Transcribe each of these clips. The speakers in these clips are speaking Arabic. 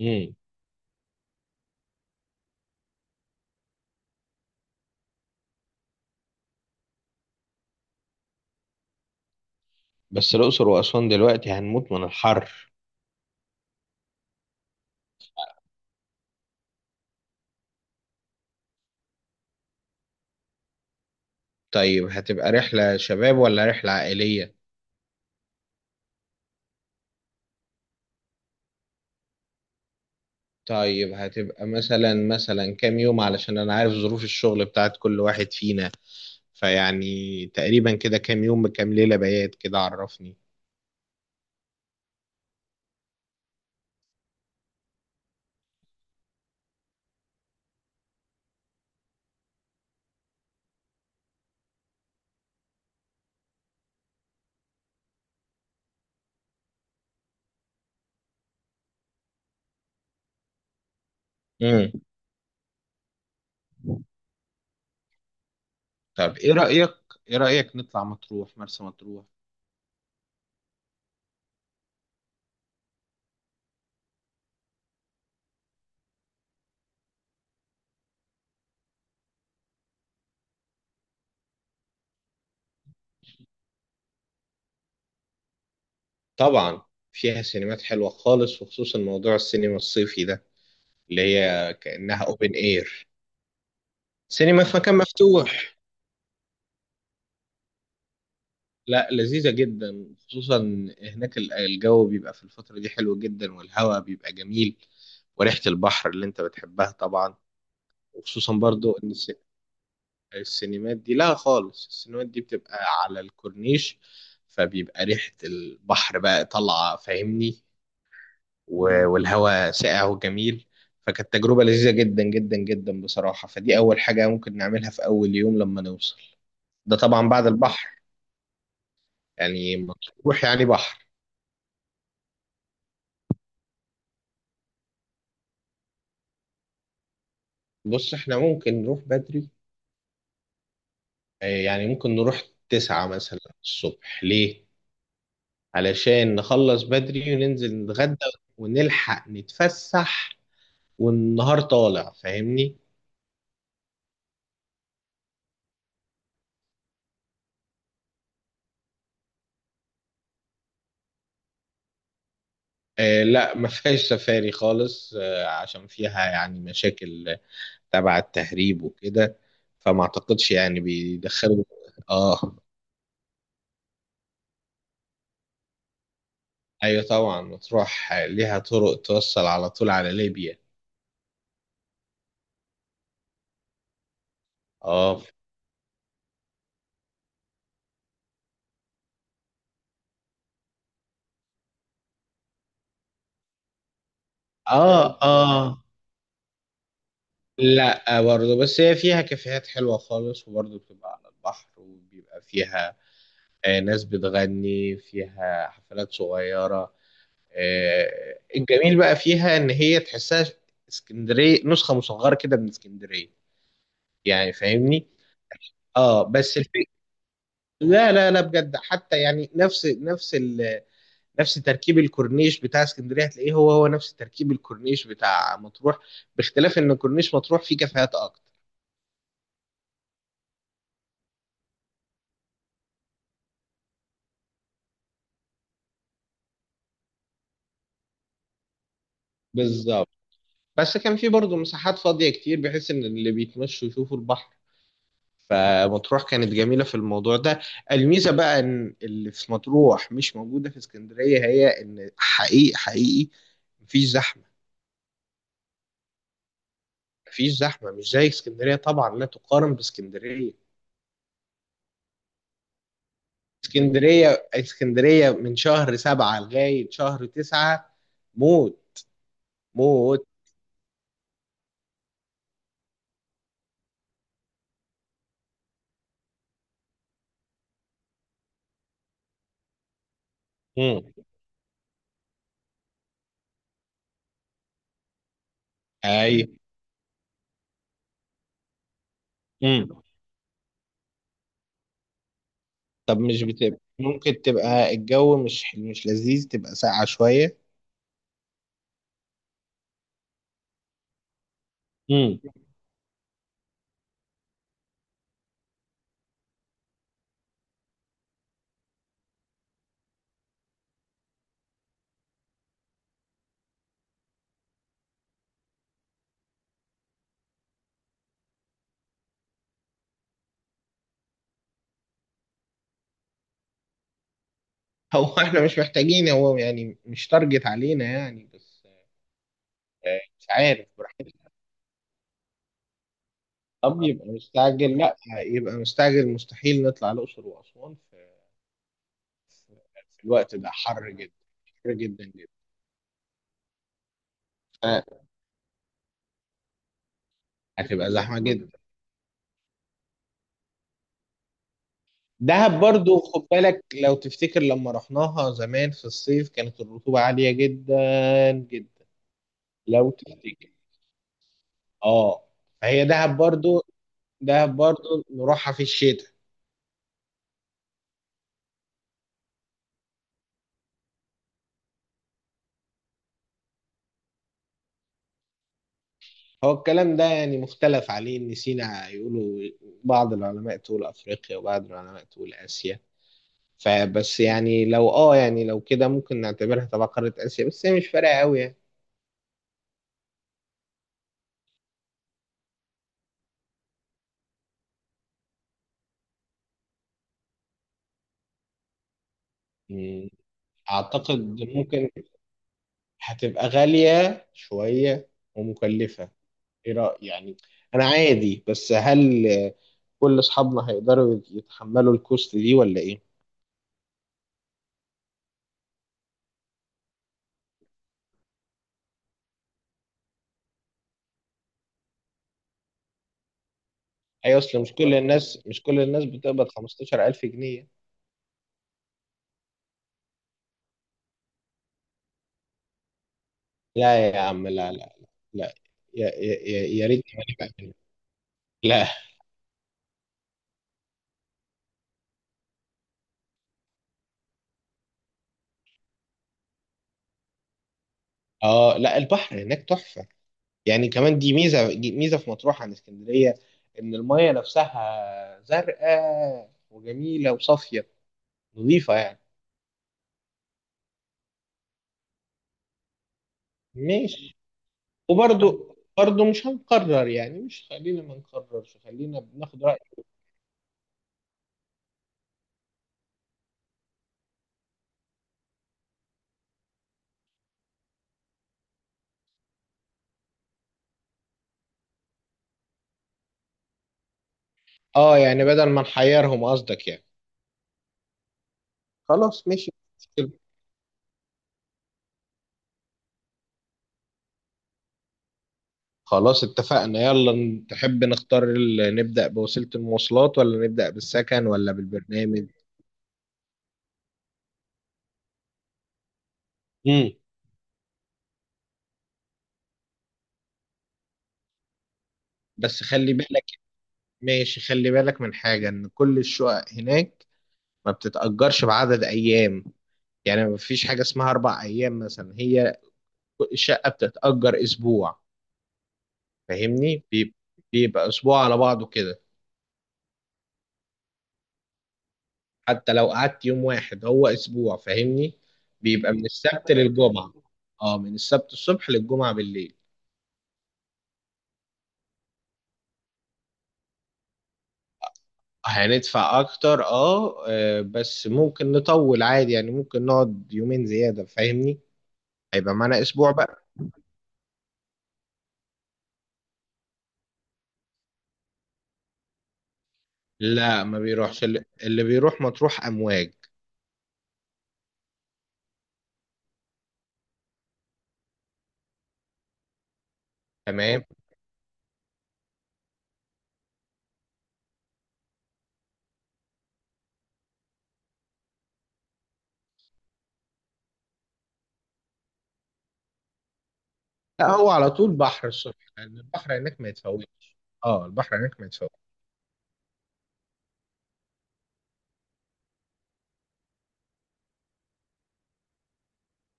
امم بس الأقصر وأسوان دلوقتي هنموت من الحر. طيب، هتبقى رحلة شباب ولا رحلة عائلية؟ طيب هتبقى مثلا كام يوم؟ علشان أنا عارف ظروف الشغل بتاعت كل واحد فينا. فيعني تقريبا كده كام يوم بكام ليلة بيات كده؟ عرفني. امم. طب إيه رأيك، إيه رأيك نطلع مطروح، مرسى مطروح؟ طبعا فيها سينمات حلوة خالص، وخصوصا موضوع السينما الصيفي ده اللي هي كأنها أوبن إير، سينما في مكان مفتوح. لا، لذيذة جدا. خصوصا هناك الجو بيبقى في الفترة دي حلو جدا، والهواء بيبقى جميل، وريحة البحر اللي انت بتحبها طبعا. وخصوصا برضو ان السينمات دي، لا خالص، السينمات دي بتبقى على الكورنيش. فبيبقى ريحة البحر بقى طالعة، فاهمني؟ والهواء ساقع وجميل. فكانت تجربة لذيذة جدا جدا جدا بصراحة. فدي أول حاجة ممكن نعملها في أول يوم لما نوصل. ده طبعا بعد البحر. يعني مطروح يعني بحر. بص، احنا ممكن نروح بدري. يعني ممكن نروح تسعة مثلا الصبح. ليه؟ علشان نخلص بدري وننزل نتغدى، ونلحق نتفسح والنهار طالع، فاهمني؟ آه، لا ما فيهاش سفاري خالص. آه، عشان فيها يعني مشاكل تبع التهريب وكده. فما اعتقدش يعني بيدخلوا. اه. ايوه طبعا، مطروح ليها طرق توصل على طول على ليبيا. اه، اه، اه. لا، برضه بس هي فيها كافيهات حلوة خالص، وبرضه بتبقى على البحر، وبيبقى فيها ناس بتغني، فيها حفلات صغيرة. الجميل بقى فيها إن هي تحسها اسكندرية، نسخة مصغرة كده من اسكندرية، يعني فاهمني؟ اه، بس الفكرة لا لا لا، بجد، حتى يعني نفس تركيب الكورنيش بتاع اسكندرية هتلاقيه هو هو نفس تركيب الكورنيش بتاع مطروح، باختلاف إن كورنيش مطروح فيه كافيهات أكتر. بالظبط. بس كان في برضه مساحات فاضية كتير، بحيث إن اللي بيتمشوا يشوفوا البحر. فمطروح كانت جميلة في الموضوع ده. الميزة بقى إن اللي في مطروح مش موجودة في اسكندرية، هي إن حقيقي حقيقي مفيش زحمة. مفيش زحمة، مش زي اسكندرية طبعا، لا تقارن باسكندرية. اسكندرية، اسكندرية من شهر سبعة لغاية شهر تسعة موت. موت. مم. أي. مم. طب مش بتبقى، ممكن تبقى الجو مش لذيذ، تبقى ساقعة شوية؟ مم. هو احنا مش محتاجين، هو يعني مش تارجت علينا يعني، بس مش عارف، براحتنا. طب يبقى مستعجل؟ لا، يبقى مستعجل، مستحيل نطلع الأقصر وأسوان في في الوقت ده حر جدا. حر جدا جدا. آه، هتبقى زحمة جدا. دهب برضو خد بالك، لو تفتكر لما رحناها زمان في الصيف كانت الرطوبة عالية جدا جدا. لو تفتكر. اه. فهي دهب برضو، دهب برضو نروحها في الشتاء. هو الكلام ده يعني مختلف عليه، ان سينا يقولوا بعض العلماء تقول افريقيا وبعض العلماء تقول اسيا. فبس يعني لو يعني لو كده ممكن نعتبرها تبع قارة اسيا، بس هي مش فارقة قوي يعني. مم. اعتقد ممكن هتبقى غالية شوية ومكلفة. ايه رأيك يعني؟ انا عادي، بس هل كل اصحابنا هيقدروا يتحملوا الكوست دي ولا ايه؟ هي اصل مش كل الناس، مش كل الناس بتقبض 15000 جنيه. لا يا عم، لا لا. لا. يا ريت كمان يبقى كده. لا. اه، لا، البحر هناك تحفة. يعني كمان دي ميزة، دي ميزة في مطروح عن اسكندرية، ان المية نفسها زرقاء وجميلة وصافية، نظيفة يعني. ماشي. وبرضو برضو مش هنقرر يعني، مش، خلينا ما نقررش، خلينا بناخد رأي. اه، يعني بدل ما نحيرهم قصدك يعني. خلاص ماشي. خلاص اتفقنا، يلا. تحب نختار نبدأ بوسيلة المواصلات ولا نبدأ بالسكن ولا بالبرنامج؟ امم. بس خلي بالك، ماشي، خلي بالك من حاجة، ان كل الشقق هناك ما بتتأجرش بعدد ايام. يعني ما فيش حاجة اسمها اربع ايام مثلا، هي الشقة بتتأجر اسبوع. فاهمني؟ بيبقى اسبوع على بعضه كده. حتى لو قعدت يوم واحد هو اسبوع، فاهمني؟ بيبقى من السبت للجمعة. اه، من السبت الصبح للجمعة بالليل. هندفع اكتر، اه. بس ممكن نطول عادي، يعني ممكن نقعد يومين زيادة، فاهمني؟ هيبقى معانا اسبوع بقى. لا ما بيروحش، اللي بيروح مطروح امواج. تمام. لا هو على طول بحر الصبح، لان البحر هناك ما يتفوتش. اه، البحر هناك ما يتفوتش.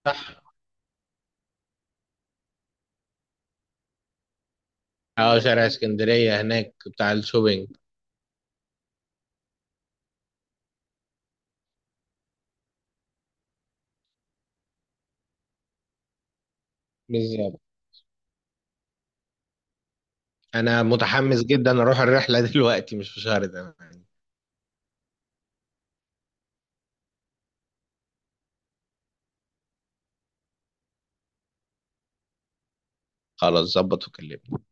صح. اه، شارع اسكندرية هناك بتاع الشوبينج. بالظبط. انا متحمس جدا اروح الرحلة دلوقتي، مش في شهر ده يعني. خلاص، ظبط وكلمني.